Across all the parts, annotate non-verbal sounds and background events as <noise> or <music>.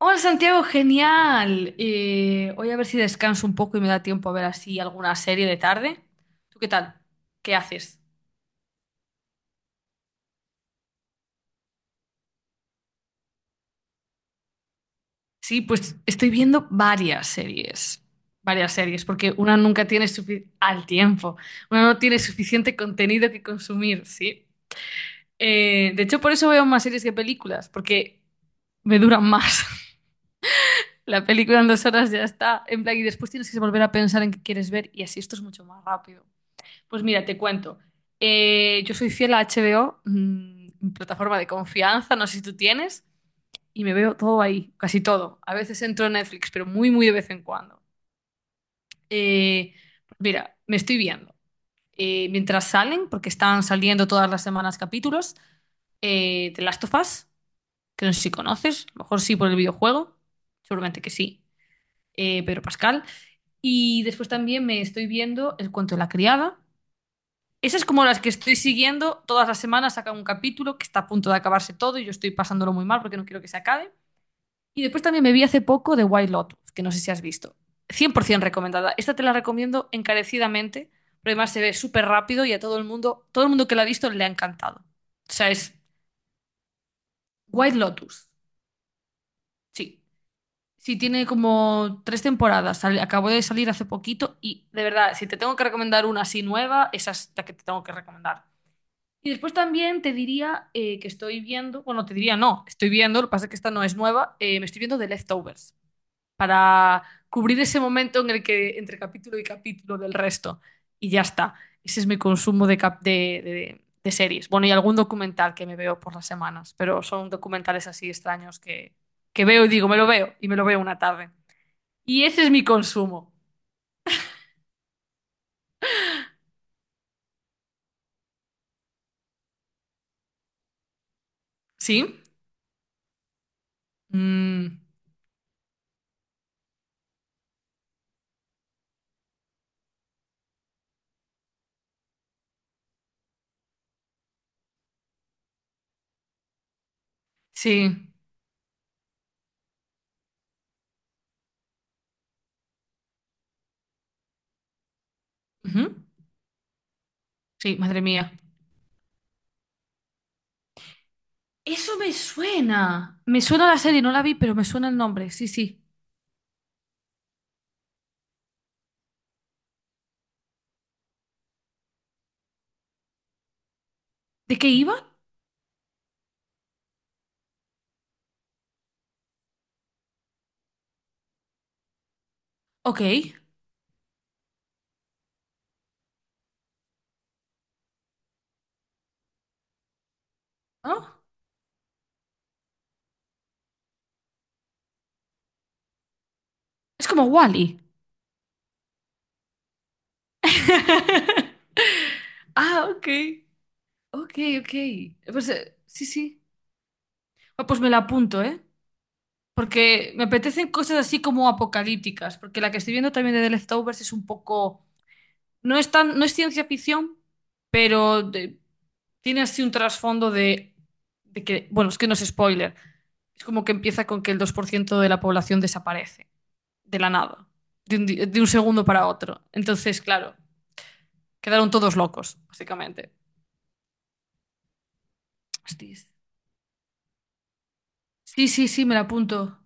Hola Santiago, genial. Voy a ver si descanso un poco y me da tiempo a ver así alguna serie de tarde. ¿Tú qué tal? ¿Qué haces? Sí, pues estoy viendo varias series, porque una nunca tiene suficiente al tiempo, una no tiene suficiente contenido que consumir, ¿sí? De hecho, por eso veo más series que películas, porque me duran más. <laughs> La película en 2 horas ya está, en plan, y después tienes que volver a pensar en qué quieres ver y así esto es mucho más rápido. Pues mira, te cuento. Yo soy fiel a HBO, mi plataforma de confianza, no sé si tú tienes, y me veo todo ahí, casi todo. A veces entro en Netflix, pero muy, muy de vez en cuando. Eh, mira, me estoy viendo, mientras salen, porque están saliendo todas las semanas capítulos, The Last of Us, que no sé si conoces, a lo mejor sí por el videojuego, seguramente que sí, Pedro Pascal. Y después también me estoy viendo El cuento de la criada. Esas como las que estoy siguiendo, todas las semanas sacan un capítulo que está a punto de acabarse todo y yo estoy pasándolo muy mal porque no quiero que se acabe. Y después también me vi hace poco de White Lotus, que no sé si has visto. 100% recomendada. Esta te la recomiendo encarecidamente, pero además se ve súper rápido y a todo el mundo que la ha visto le ha encantado. O sea, es White Lotus. Sí. Sí, tiene como 3 temporadas. Acabó de salir hace poquito y de verdad, si te tengo que recomendar una así nueva, esa es la que te tengo que recomendar. Y después también te diría que estoy viendo, bueno, te diría no, estoy viendo, lo que pasa es que esta no es nueva, me estoy viendo The Leftovers para cubrir ese momento en el que entre capítulo y capítulo del resto. Y ya está. Ese es mi consumo de, cap- de series. Bueno, y algún documental que me veo por las semanas, pero son documentales así extraños que, veo y digo, me lo veo y me lo veo una tarde. Y ese es mi consumo. ¿Sí? Mm, sí. Ujú. Sí, madre mía. Eso me suena. Me suena la serie, no la vi, pero me suena el nombre. Sí, sí. ¿De qué iba? Ok. ¿No? Es como Wally. <laughs> Ah, ok. Ok, ok. Pues sí, sí. Ah, pues me la apunto, ¿eh? Porque me apetecen cosas así como apocalípticas. Porque la que estoy viendo también de The Leftovers es un poco. No es tan, no es ciencia ficción, pero tiene así un trasfondo de que, bueno, es que no es spoiler, es como que empieza con que el 2% de la población desaparece, de la nada, de un segundo para otro. Entonces, claro, quedaron todos locos, básicamente. Hostias. Sí, sí, sí, me la apunto.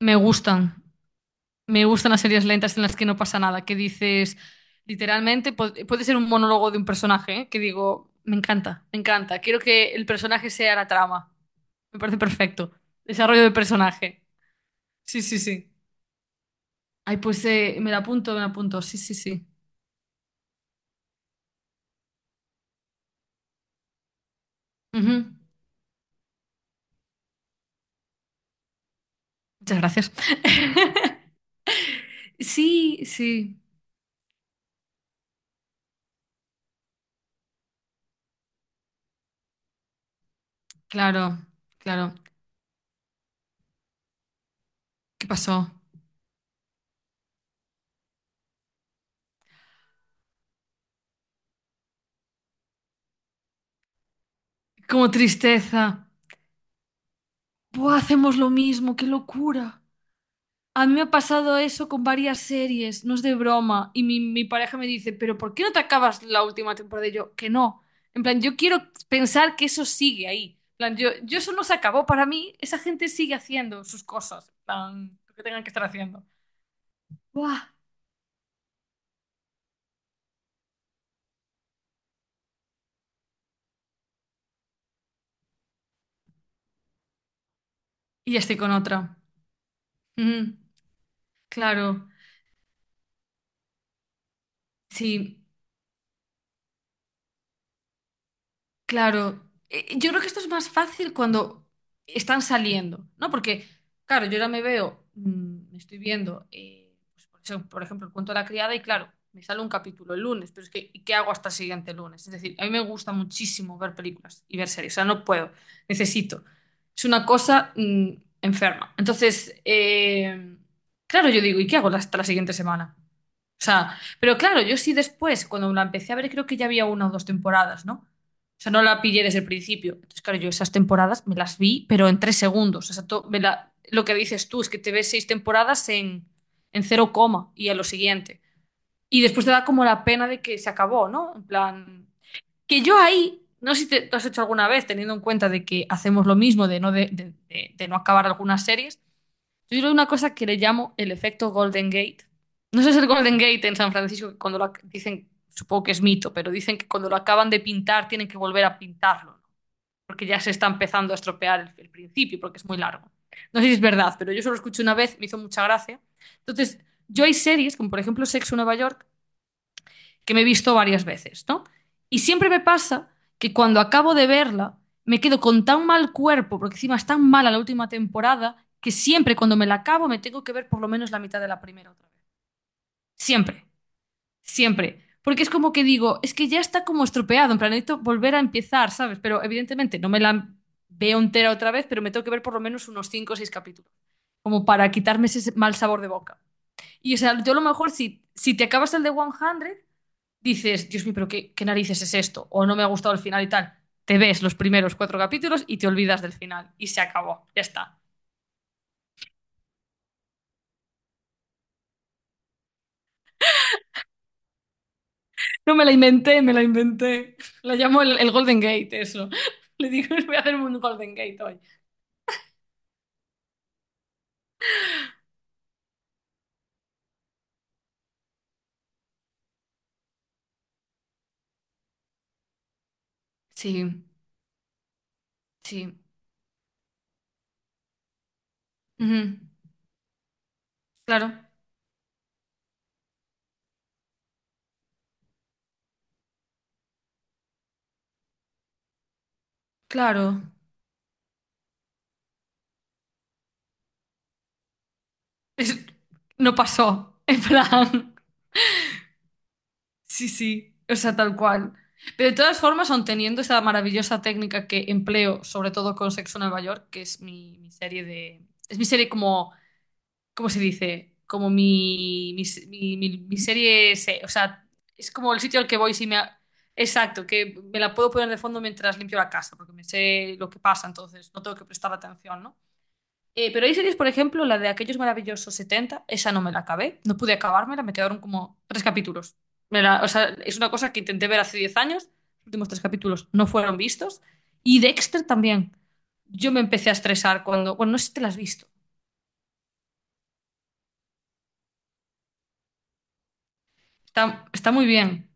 Me gustan. Me gustan las series lentas en las que no pasa nada, que dices, literalmente, puede ser un monólogo de un personaje, ¿eh? Que digo, me encanta, quiero que el personaje sea la trama. Me parece perfecto. Desarrollo de personaje. Sí, sí, sí. Ay, pues me la apunto, me la apunto. Sí, sí, sí. Ujú. Muchas gracias. <laughs> Sí, sí. Claro, claro. ¿Qué pasó? Como tristeza. Buah, hacemos lo mismo, qué locura. A mí me ha pasado eso con varias series, no es de broma. Y mi pareja me dice, pero ¿por qué no te acabas la última temporada? Y yo, que no. En plan, yo quiero pensar que eso sigue ahí. En plan, yo eso no se acabó para mí. Esa gente sigue haciendo sus cosas. En plan, lo que tengan que estar haciendo. ¡Buah! Y ya estoy con otra. Ujú, claro, sí. Claro. yo creo que esto es más fácil cuando están saliendo, ¿no? Porque, claro, yo ahora me veo, me estoy viendo, pues, por eso, por ejemplo, el cuento de la criada y claro, me sale un capítulo el lunes, pero es que, ¿y qué hago hasta el siguiente lunes? Es decir, a mí me gusta muchísimo ver películas y ver series, o sea, no puedo, necesito. Es una cosa, enferma. Entonces, claro, yo digo, ¿y qué hago hasta la siguiente semana? O sea, pero claro, yo sí después, cuando la empecé a ver, creo que ya había 1 o 2 temporadas, ¿no? O sea, no la pillé desde el principio. Entonces, claro, yo esas temporadas me las vi, pero en 3 segundos. O sea, lo que dices tú es que te ves 6 temporadas en cero coma y a lo siguiente. Y después te da como la pena de que se acabó, ¿no? En plan, que yo ahí, no sé si te has hecho alguna vez, teniendo en cuenta de que hacemos lo mismo, de no, de no acabar algunas series, yo creo una cosa que le llamo el efecto Golden Gate. No sé si el Golden Gate en San Francisco, que cuando dicen, supongo que es mito, pero dicen que cuando lo acaban de pintar tienen que volver a pintarlo, ¿no? Porque ya se está empezando a estropear el principio, porque es muy largo. No sé si es verdad, pero yo solo lo escuché una vez, me hizo mucha gracia. Entonces, yo hay series, como por ejemplo Sexo en Nueva York, que me he visto varias veces, ¿no? Y siempre me pasa que cuando acabo de verla, me quedo con tan mal cuerpo, porque encima es tan mala la última temporada, que siempre cuando me la acabo me tengo que ver por lo menos la mitad de la primera otra vez. Siempre, siempre. Porque es como que digo, es que ya está como estropeado, en plan, necesito volver a empezar, ¿sabes? Pero evidentemente no me la veo entera otra vez, pero me tengo que ver por lo menos unos 5 o 6 capítulos, como para quitarme ese mal sabor de boca. Y o sea, yo a lo mejor si te acabas el de 100, dices, Dios mío, pero qué, qué narices es esto, o no me ha gustado el final y tal, te ves los primeros 4 capítulos y te olvidas del final y se acabó, ya está. No me la inventé, me la inventé. La llamo el Golden Gate, eso. <laughs> Le digo, voy a hacer un Golden Gate hoy. Sí, sí. Ujú. Claro, claro. Es- no pasó, en plan. Sí, sí, o sea, tal cual. Pero de todas formas, aun teniendo esa maravillosa técnica que empleo, sobre todo con Sexo en Nueva York, que es mi serie de... Es mi serie como... ¿Cómo se dice? Como mi serie... O sea, es como el sitio al que voy si me. Exacto, que me la puedo poner de fondo mientras limpio la casa, porque me sé lo que pasa, entonces no tengo que prestar atención, ¿no? Pero hay series, por ejemplo, la de Aquellos Maravillosos 70 esa no me la acabé, no pude acabármela, me quedaron como 3 capítulos. O sea, es una cosa que intenté ver hace 10 años, los últimos 3 capítulos no fueron vistos. Y Dexter también. Yo me empecé a estresar cuando, bueno, no sé si te la has visto, está muy bien.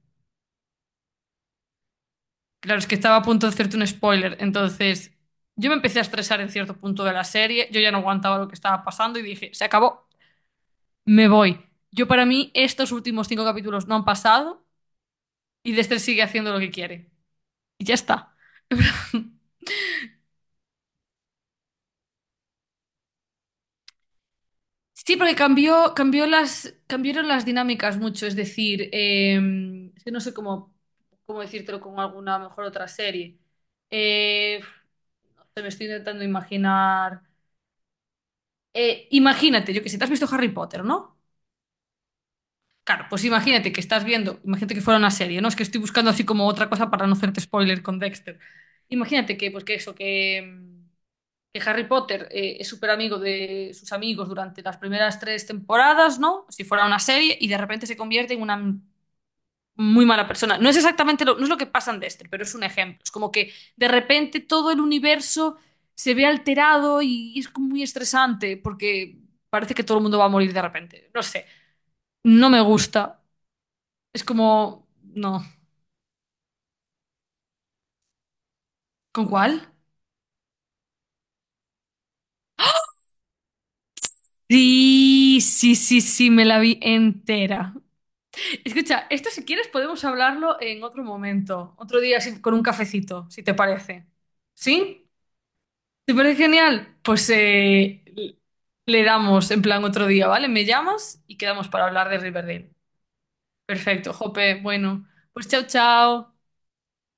Claro, es que estaba a punto de hacerte un spoiler, entonces yo me empecé a estresar en cierto punto de la serie, yo ya no aguantaba lo que estaba pasando y dije, se acabó, me voy. Yo para mí estos últimos 5 capítulos no han pasado. Y Lester sigue haciendo lo que quiere. Y ya está. <laughs> Sí, porque cambiaron las dinámicas mucho. Es decir, es que no sé cómo decírtelo con alguna mejor otra serie. Eh, no sé, me estoy intentando imaginar. Imagínate, yo que sé, te has visto Harry Potter, ¿no? Claro, pues imagínate que estás viendo, imagínate que fuera una serie, ¿no? Es que estoy buscando así como otra cosa para no hacerte spoiler con Dexter. Imagínate que, pues que eso, que Harry Potter es súper amigo de sus amigos durante las primeras 3 temporadas, ¿no? Si fuera una serie, y de repente se convierte en una muy mala persona. No es exactamente no es lo que pasa en Dexter, pero es un ejemplo. Es como que de repente todo el universo se ve alterado y es como muy estresante porque parece que todo el mundo va a morir de repente. No sé, no me gusta. Es como, no. ¿Con cuál? Sí, sí, sí, sí, me la vi entera. Escucha, esto si quieres podemos hablarlo en otro momento, otro día así, con un cafecito, si te parece. ¿Sí? ¿Te parece genial? Pues le damos en plan otro día, ¿vale? Me llamas y quedamos para hablar de Riverdale. Perfecto, Jope. Bueno, pues chao, chao.